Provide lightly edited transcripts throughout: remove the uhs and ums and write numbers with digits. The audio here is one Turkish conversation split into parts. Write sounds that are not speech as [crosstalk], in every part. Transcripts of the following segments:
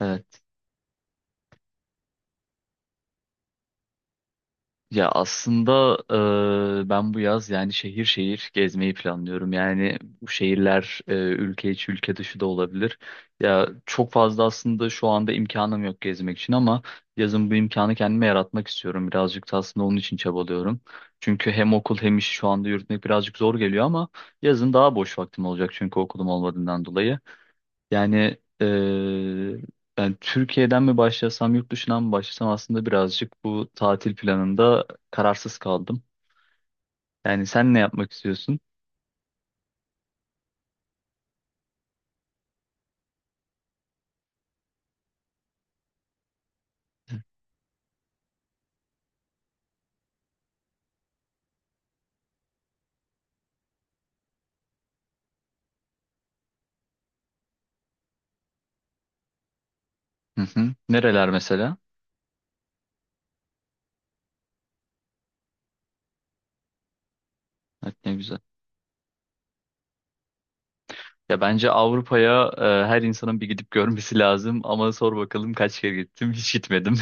Evet. Ya aslında ben bu yaz yani şehir şehir gezmeyi planlıyorum. Yani bu şehirler ülke içi ülke dışı da olabilir. Ya çok fazla aslında şu anda imkanım yok gezmek için ama yazın bu imkanı kendime yaratmak istiyorum. Birazcık da aslında onun için çabalıyorum. Çünkü hem okul hem iş şu anda yürütmek birazcık zor geliyor ama yazın daha boş vaktim olacak çünkü okulum olmadığından dolayı. Yani eee, Ben Türkiye'den mi başlasam, yurt dışından mı başlasam aslında birazcık bu tatil planında kararsız kaldım. Yani sen ne yapmak istiyorsun? Hı hı. Nereler mesela? Evet, ne güzel. Ya bence Avrupa'ya her insanın bir gidip görmesi lazım ama sor bakalım kaç kere gittim? Hiç gitmedim.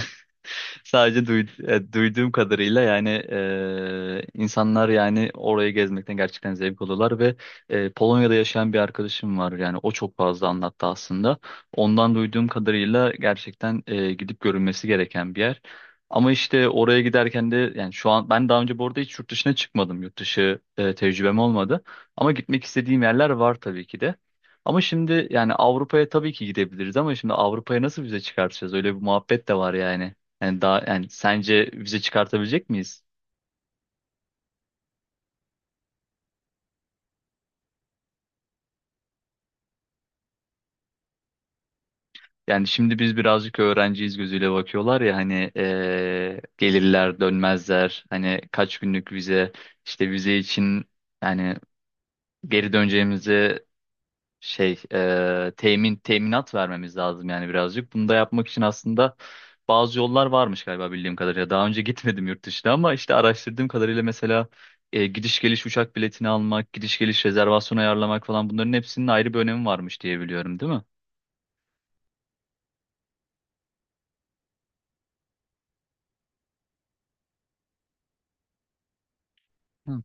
[laughs] Sadece duyduğum kadarıyla yani insanlar yani orayı gezmekten gerçekten zevk alıyorlar ve Polonya'da yaşayan bir arkadaşım var yani o çok fazla anlattı aslında. Ondan duyduğum kadarıyla gerçekten gidip görülmesi gereken bir yer. Ama işte oraya giderken de yani şu an ben daha önce bu arada hiç yurt dışına çıkmadım. Yurt dışı tecrübem olmadı. Ama gitmek istediğim yerler var tabii ki de. Ama şimdi yani Avrupa'ya tabii ki gidebiliriz ama şimdi Avrupa'ya nasıl vize çıkartacağız? Öyle bir muhabbet de var yani. Yani daha yani sence vize çıkartabilecek miyiz? Yani şimdi biz birazcık öğrenciyiz gözüyle bakıyorlar ya hani gelirler dönmezler hani kaç günlük vize işte vize için yani geri döneceğimizi teminat vermemiz lazım yani birazcık. Bunu da yapmak için aslında bazı yollar varmış galiba bildiğim kadarıyla. Daha önce [laughs] gitmedim yurt dışına ama işte araştırdığım kadarıyla mesela gidiş geliş uçak biletini almak, gidiş geliş rezervasyon ayarlamak falan bunların hepsinin ayrı bir önemi varmış diye biliyorum, değil mi? Hı.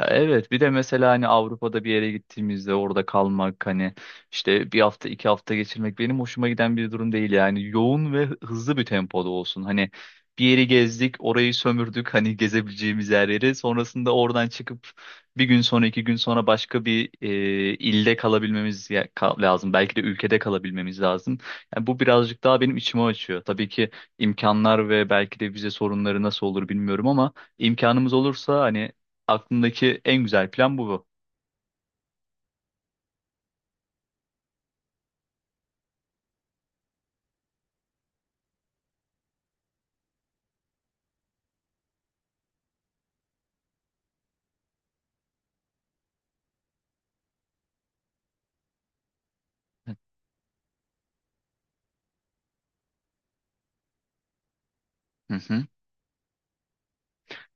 Ya evet, bir de mesela hani Avrupa'da bir yere gittiğimizde orada kalmak hani işte bir hafta iki hafta geçirmek benim hoşuma giden bir durum değil yani yoğun ve hızlı bir tempoda olsun hani bir yeri gezdik orayı sömürdük hani gezebileceğimiz her yeri sonrasında oradan çıkıp bir gün sonra iki gün sonra başka bir ilde lazım belki de ülkede kalabilmemiz lazım yani bu birazcık daha benim içimi açıyor tabii ki imkanlar ve belki de vize sorunları nasıl olur bilmiyorum ama imkanımız olursa hani aklımdaki en güzel plan bu. Hı hı.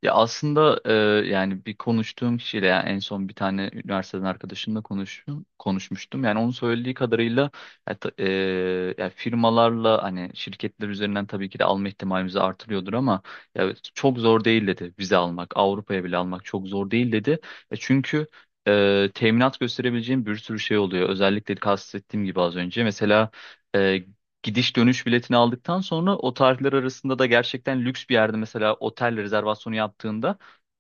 Ya aslında yani bir konuştuğum kişiyle yani en son bir tane üniversiteden arkadaşımla konuşmuştum. Yani onun söylediği kadarıyla ya ta- e, ya firmalarla hani şirketler üzerinden tabii ki de alma ihtimalimizi artırıyordur ama ya çok zor değil dedi vize almak, Avrupa'ya bile almak çok zor değil dedi. Çünkü teminat gösterebileceğim bir sürü şey oluyor. Özellikle kastettiğim gibi az önce mesela e, gidiş dönüş biletini aldıktan sonra o tarihler arasında da gerçekten lüks bir yerde mesela otel rezervasyonu yaptığında,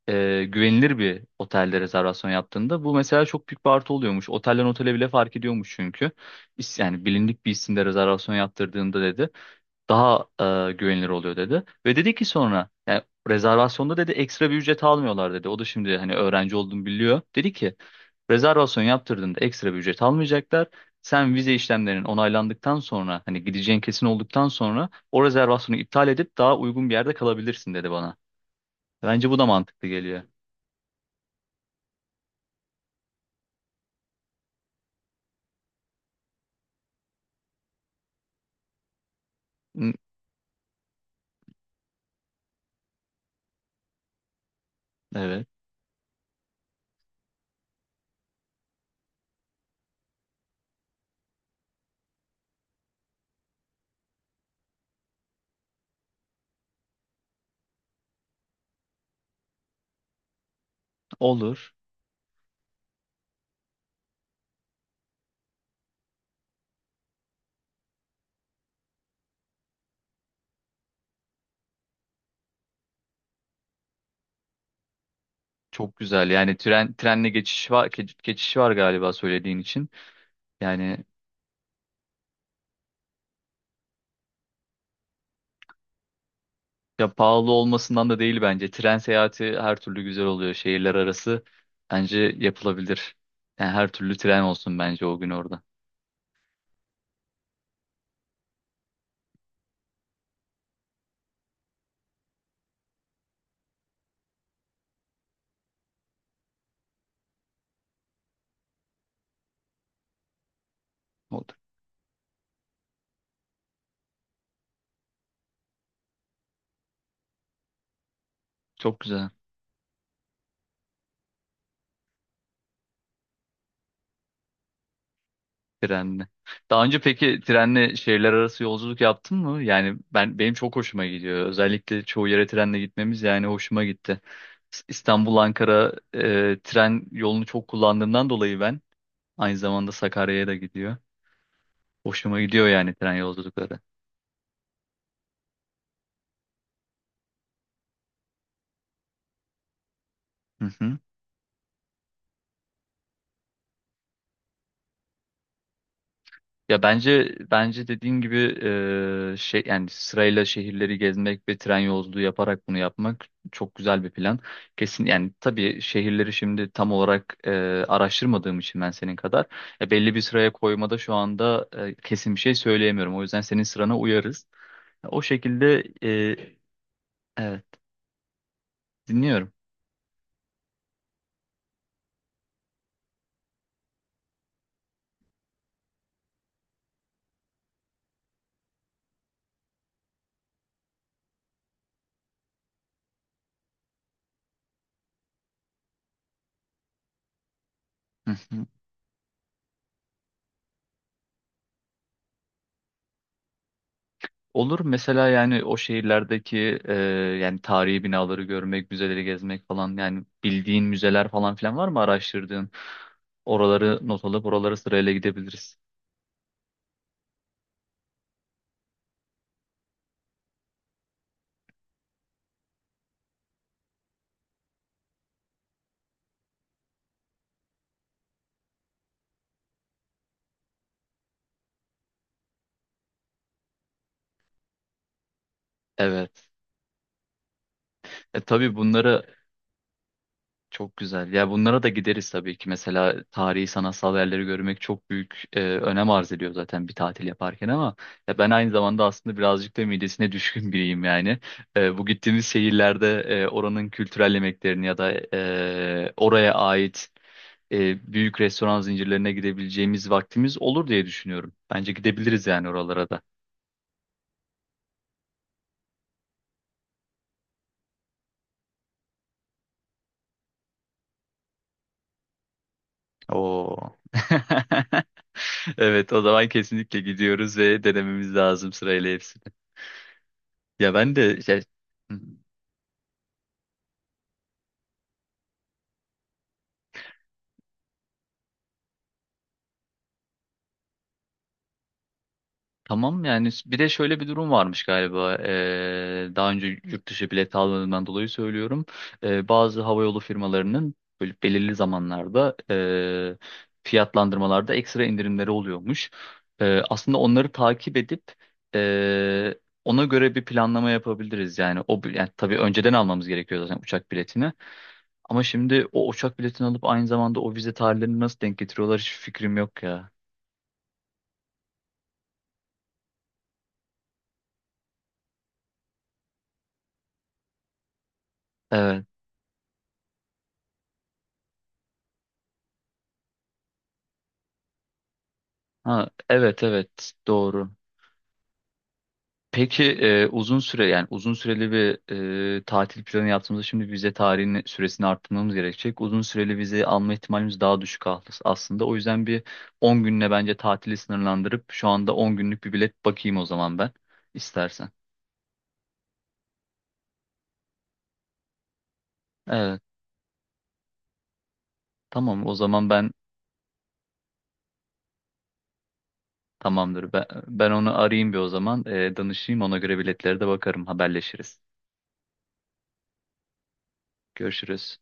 güvenilir bir otelde rezervasyon yaptığında bu mesela çok büyük bir artı oluyormuş. Otelden otele bile fark ediyormuş çünkü. Yani bilindik bir isimde rezervasyon yaptırdığında dedi daha güvenilir oluyor dedi. Ve dedi ki sonra yani rezervasyonda dedi ekstra bir ücret almıyorlar dedi. O da şimdi hani öğrenci olduğunu biliyor. Dedi ki rezervasyon yaptırdığında ekstra bir ücret almayacaklar. Sen vize işlemlerinin onaylandıktan sonra hani gideceğin kesin olduktan sonra o rezervasyonu iptal edip daha uygun bir yerde kalabilirsin dedi bana. Bence bu da mantıklı geliyor. Hı, evet, olur. Çok güzel. Yani trenle geçiş var geçiş var galiba söylediğin için. Yani ya pahalı olmasından da değil bence. Tren seyahati her türlü güzel oluyor. Şehirler arası bence yapılabilir. Yani her türlü tren olsun bence o gün orada. Oldu. Çok güzel, trenle. Daha önce peki trenle şehirler arası yolculuk yaptın mı? Yani benim çok hoşuma gidiyor. Özellikle çoğu yere trenle gitmemiz yani hoşuma gitti. İstanbul Ankara tren yolunu çok kullandığımdan dolayı ben aynı zamanda Sakarya'ya da gidiyor. Hoşuma gidiyor yani tren yolculukları. Hı hı. Ya bence dediğin gibi yani sırayla şehirleri gezmek ve tren yolculuğu yaparak bunu yapmak çok güzel bir plan. Kesin yani tabii şehirleri şimdi tam olarak araştırmadığım için ben senin kadar belli bir sıraya koymada şu anda kesin bir şey söyleyemiyorum. O yüzden senin sırana uyarız. O şekilde e, evet, dinliyorum. Hı hı. Olur, mesela yani o şehirlerdeki yani tarihi binaları görmek, müzeleri gezmek falan yani bildiğin müzeler falan filan var mı araştırdığın? Oraları not alıp oraları sırayla gidebiliriz. Evet. E, tabii bunlara çok güzel. Ya bunlara da gideriz tabii ki. Mesela tarihi sanatsal yerleri görmek çok büyük önem arz ediyor zaten bir tatil yaparken ama ya ben aynı zamanda aslında birazcık da midesine [laughs] düşkün biriyim yani. Bu gittiğimiz şehirlerde oranın kültürel yemeklerini ya da oraya ait büyük restoran zincirlerine gidebileceğimiz vaktimiz olur diye düşünüyorum. Bence gidebiliriz yani oralara da. Oo. [laughs] Evet, o zaman kesinlikle gidiyoruz ve denememiz lazım sırayla hepsini. Ya ben de şey... Hı. Tamam, yani bir de şöyle bir durum varmış galiba. Daha önce yurt dışı bilet aldığımdan dolayı söylüyorum, bazı havayolu firmalarının böyle belirli zamanlarda fiyatlandırmalarda ekstra indirimleri oluyormuş. Aslında onları takip edip ee, ona göre bir planlama yapabiliriz yani yani tabii önceden almamız gerekiyor zaten uçak biletini ama şimdi o uçak biletini alıp aynı zamanda o vize tarihlerini nasıl denk getiriyorlar hiç fikrim yok ya. Evet. Ha, evet, doğru. Peki uzun süre yani uzun süreli bir tatil planı yaptığımızda şimdi vize tarihini süresini arttırmamız gerekecek. Uzun süreli vize alma ihtimalimiz daha düşük aslında. O yüzden bir 10 günle bence tatili sınırlandırıp şu anda 10 günlük bir bilet bakayım o zaman ben istersen. Evet, tamam o zaman tamamdır. Ben onu arayayım bir o zaman, danışayım, ona göre biletlere de bakarım, haberleşiriz. Görüşürüz.